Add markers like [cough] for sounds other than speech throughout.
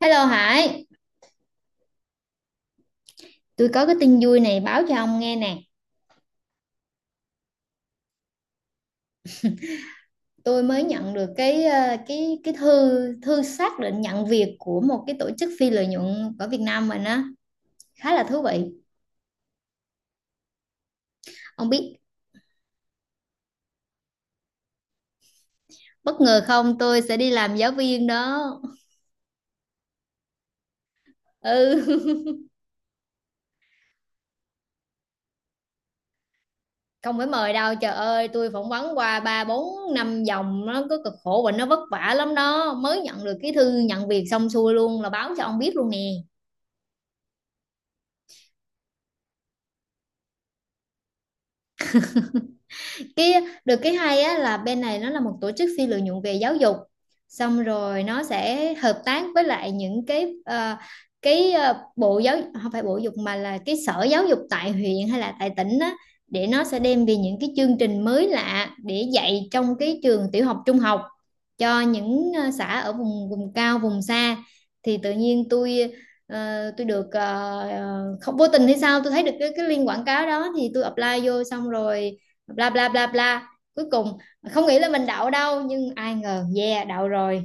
Hello Hải, tôi có cái tin vui này báo cho ông nghe nè. Tôi mới nhận được cái ờ, cái thư thư xác định nhận việc của một cái tổ chức phi lợi nhuận ở Việt Nam mình á, khá là thú vị. Ông biết bất ngờ không, tôi sẽ đi làm giáo viên đó. Ừ, [laughs] không phải mời đâu. Trời ơi, tôi phỏng vấn qua ba bốn năm vòng nó có cực khổ và nó vất vả lắm đó. Mới nhận được cái thư nhận việc xong xuôi luôn là báo cho ông biết luôn nè. cái Được cái hay á là bên này nó là một tổ chức phi lợi nhuận về giáo dục, xong rồi nó sẽ hợp tác với lại những cái bộ giáo không phải bộ dục mà là cái sở giáo dục tại huyện hay là tại tỉnh á, để nó sẽ đem về những cái chương trình mới lạ để dạy trong cái trường tiểu học trung học cho những xã ở vùng vùng cao vùng xa. Thì tự nhiên tôi được không vô tình hay sao tôi thấy được cái link quảng cáo đó thì tôi apply vô xong rồi bla bla bla bla, cuối cùng không nghĩ là mình đậu đâu nhưng ai ngờ yeah đậu rồi.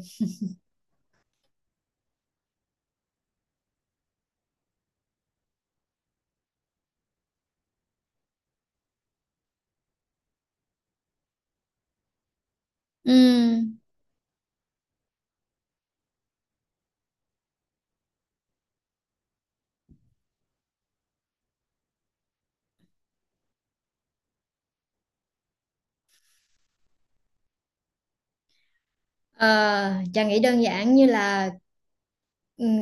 Ừm, ờ, Trà nghĩ đơn giản như là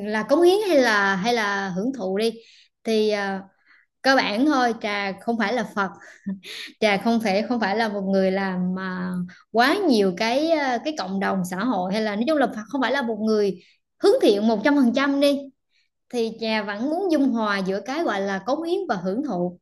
là cống hiến hay là hưởng thụ đi thì cơ bản thôi. Trà không phải là Phật, Trà không phải là một người làm mà quá nhiều cái cộng đồng xã hội hay là nói chung là Phật không phải là một người hướng thiện 100% đi, thì Trà vẫn muốn dung hòa giữa cái gọi là cống hiến và hưởng thụ.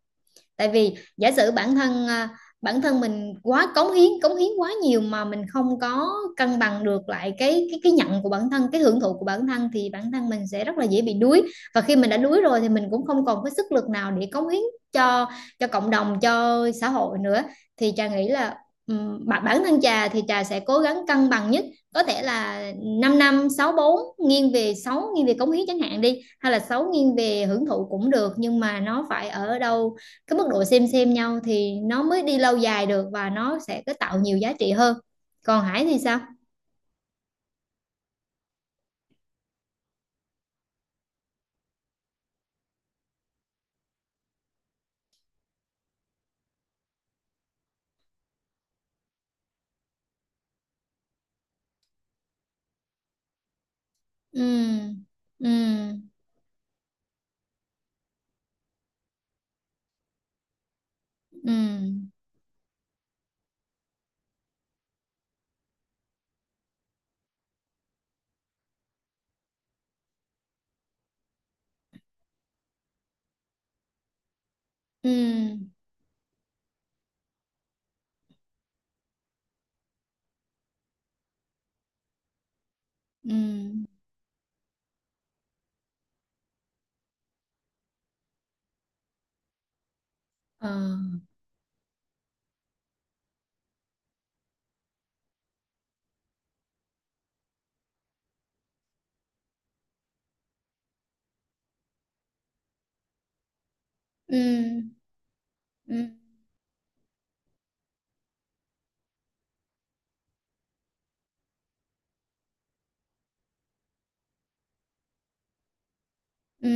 Tại vì giả sử bản thân mình quá cống hiến quá nhiều mà mình không có cân bằng được lại cái nhận của bản thân, cái hưởng thụ của bản thân thì bản thân mình sẽ rất là dễ bị đuối, và khi mình đã đuối rồi thì mình cũng không còn cái sức lực nào để cống hiến cho cho cộng đồng cho xã hội nữa. Thì trà nghĩ là bản bản thân trà thì trà sẽ cố gắng cân bằng nhất có thể là 5 năm 6 bốn, nghiêng về 6 nghiêng về cống hiến chẳng hạn đi hay là 6 nghiêng về hưởng thụ cũng được, nhưng mà nó phải ở đâu cái mức độ xem nhau thì nó mới đi lâu dài được và nó sẽ có tạo nhiều giá trị hơn. Còn Hải thì sao? Ừ. Ừ. Ừ. Ừ. Ừ. Ờ. Ừ. Ừ. Ừ.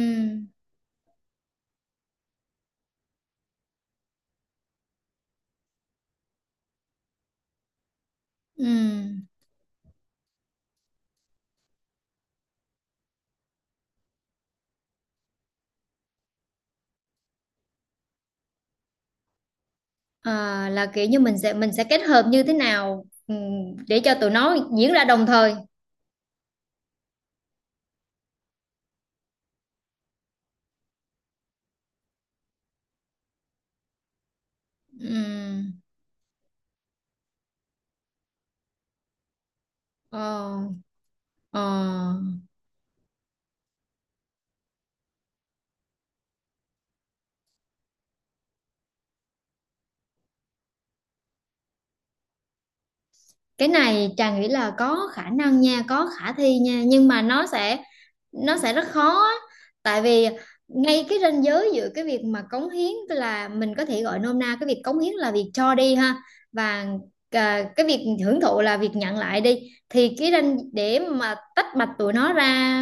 Ừ. Ờ, là kiểu như mình sẽ kết hợp như thế nào, để cho tụi nó diễn ra đồng thời. Ừ. Ờ. Ờ. Cái này Trà nghĩ là có khả năng nha, có khả thi nha, nhưng mà nó sẽ rất khó á. Tại vì ngay cái ranh giới giữa cái việc mà cống hiến, tức là mình có thể gọi nôm na cái việc cống hiến là việc cho đi ha, và cái việc hưởng thụ là việc nhận lại đi, thì cái ranh để mà tách bạch tụi nó ra,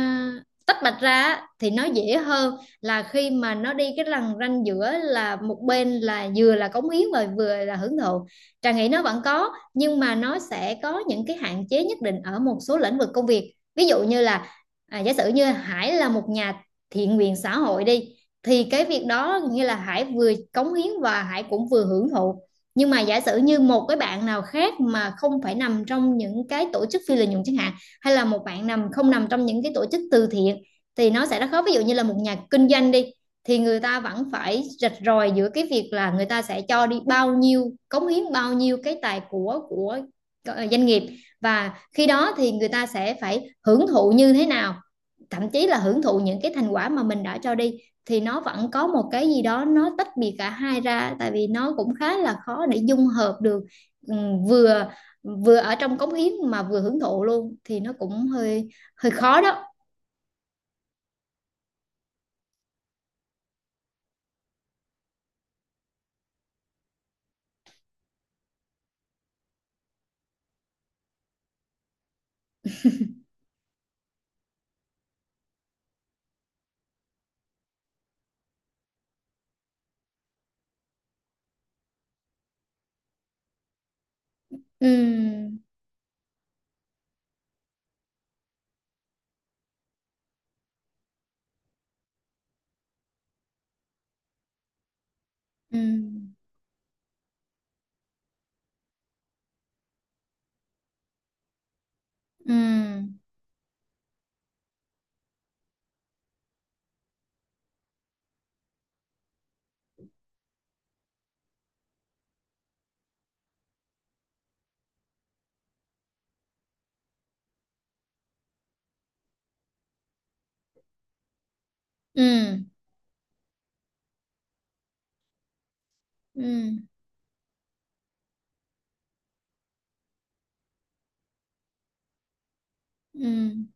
tách bạch ra á, thì nó dễ hơn là khi mà nó đi cái lằn ranh giữa là một bên là vừa là cống hiến và vừa là hưởng thụ. Trà nghĩ nó vẫn có nhưng mà nó sẽ có những cái hạn chế nhất định ở một số lĩnh vực công việc, ví dụ như là giả sử như Hải là một nhà thiện nguyện xã hội đi thì cái việc đó như là Hải vừa cống hiến và Hải cũng vừa hưởng thụ. Nhưng mà giả sử như một cái bạn nào khác mà không phải nằm trong những cái tổ chức phi lợi nhuận chẳng hạn, hay là một bạn nằm không nằm trong những cái tổ chức từ thiện thì nó sẽ rất khó, ví dụ như là một nhà kinh doanh đi thì người ta vẫn phải rạch ròi giữa cái việc là người ta sẽ cho đi bao nhiêu, cống hiến bao nhiêu cái tài của doanh nghiệp, và khi đó thì người ta sẽ phải hưởng thụ như thế nào, thậm chí là hưởng thụ những cái thành quả mà mình đã cho đi, thì nó vẫn có một cái gì đó nó tách biệt cả hai ra tại vì nó cũng khá là khó để dung hợp được. Vừa vừa ở trong cống hiến mà vừa hưởng thụ luôn thì nó cũng hơi hơi khó đó. Ừ. Ừ. Ừ. Ừm. Ừ. Ừ.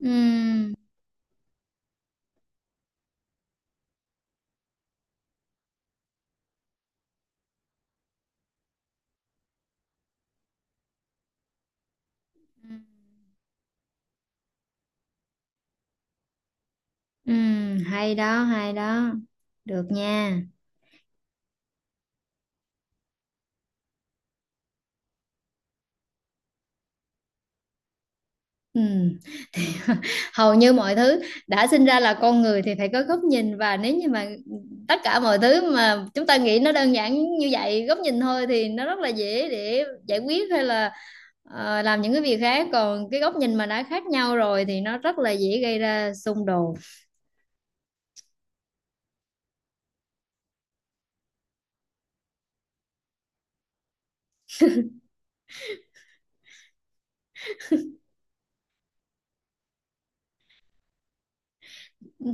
Ừ. Ừ. Hay đó, hay đó. Được nha. Ừ. [laughs] Hầu như mọi thứ đã sinh ra là con người thì phải có góc nhìn, và nếu như mà tất cả mọi thứ mà chúng ta nghĩ nó đơn giản như vậy, góc nhìn thôi, thì nó rất là dễ để giải quyết hay là làm những cái việc khác, còn cái góc nhìn mà đã khác nhau rồi thì nó rất là dễ gây ra xung đột.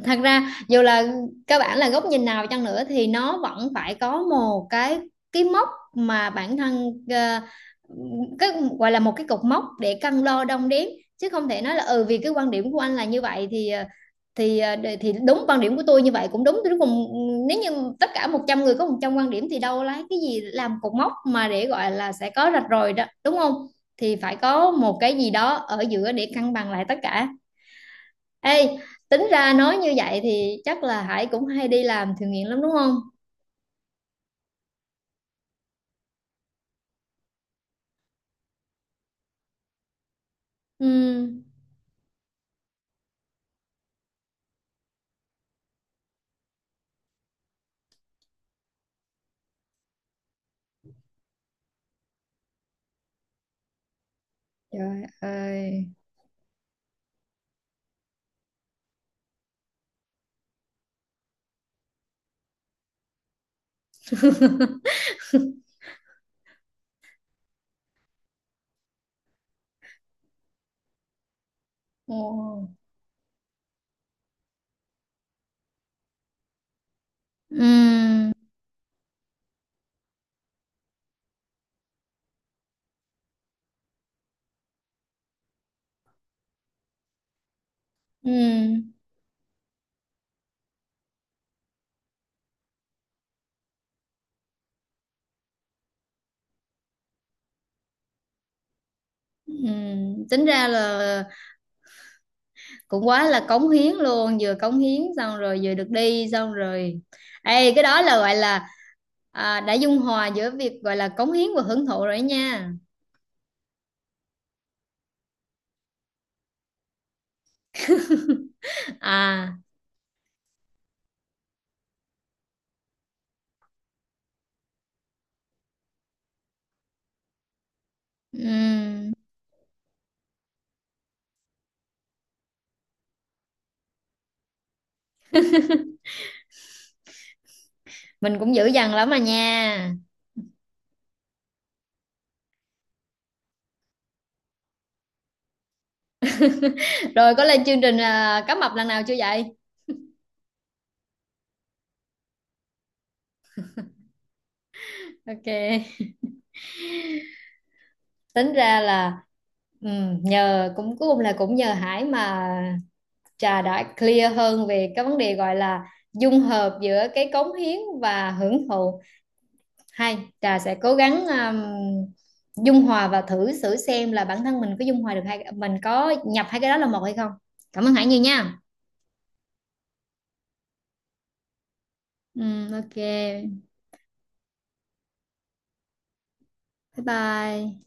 Thật ra dù là các bạn là góc nhìn nào chăng nữa thì nó vẫn phải có một cái mốc mà bản thân cái gọi là một cái cột mốc để cân đo đong đếm, chứ không thể nói là ừ vì cái quan điểm của anh là như vậy thì thì đúng quan điểm của tôi như vậy cũng đúng, cuối cùng nếu như tất cả 100 người có 100 quan điểm thì đâu lấy cái gì làm cột mốc mà để gọi là sẽ có rạch ròi đó, đúng không? Thì phải có một cái gì đó ở giữa để cân bằng lại tất cả. Ê, tính ra nói như vậy thì chắc là Hải cũng hay đi làm thiện nguyện lắm đúng không? Ừ. Trời ơi. Ồ. Ừ. Ừ. Ừ. Tính ra là cũng quá là cống hiến luôn, vừa cống hiến xong rồi vừa được đi xong rồi. Ê, cái đó là gọi là đã dung hòa giữa việc gọi là cống hiến và hưởng thụ rồi đó nha. [laughs] À, ừm, mình cũng dữ dằn lắm mà nha. Rồi có lên chương trình cá mập lần nào chưa vậy? Ok. Tính ra là nhờ cũng cuối cùng là cũng nhờ Hải mà Trà đã clear hơn về cái vấn đề gọi là dung hợp giữa cái cống hiến và hưởng thụ, hay Trà sẽ cố gắng dung hòa và thử thử xem là bản thân mình có dung hòa được hay mình có nhập hai cái đó là một hay không. Cảm ơn Hải nhiều nha. Ok, bye bye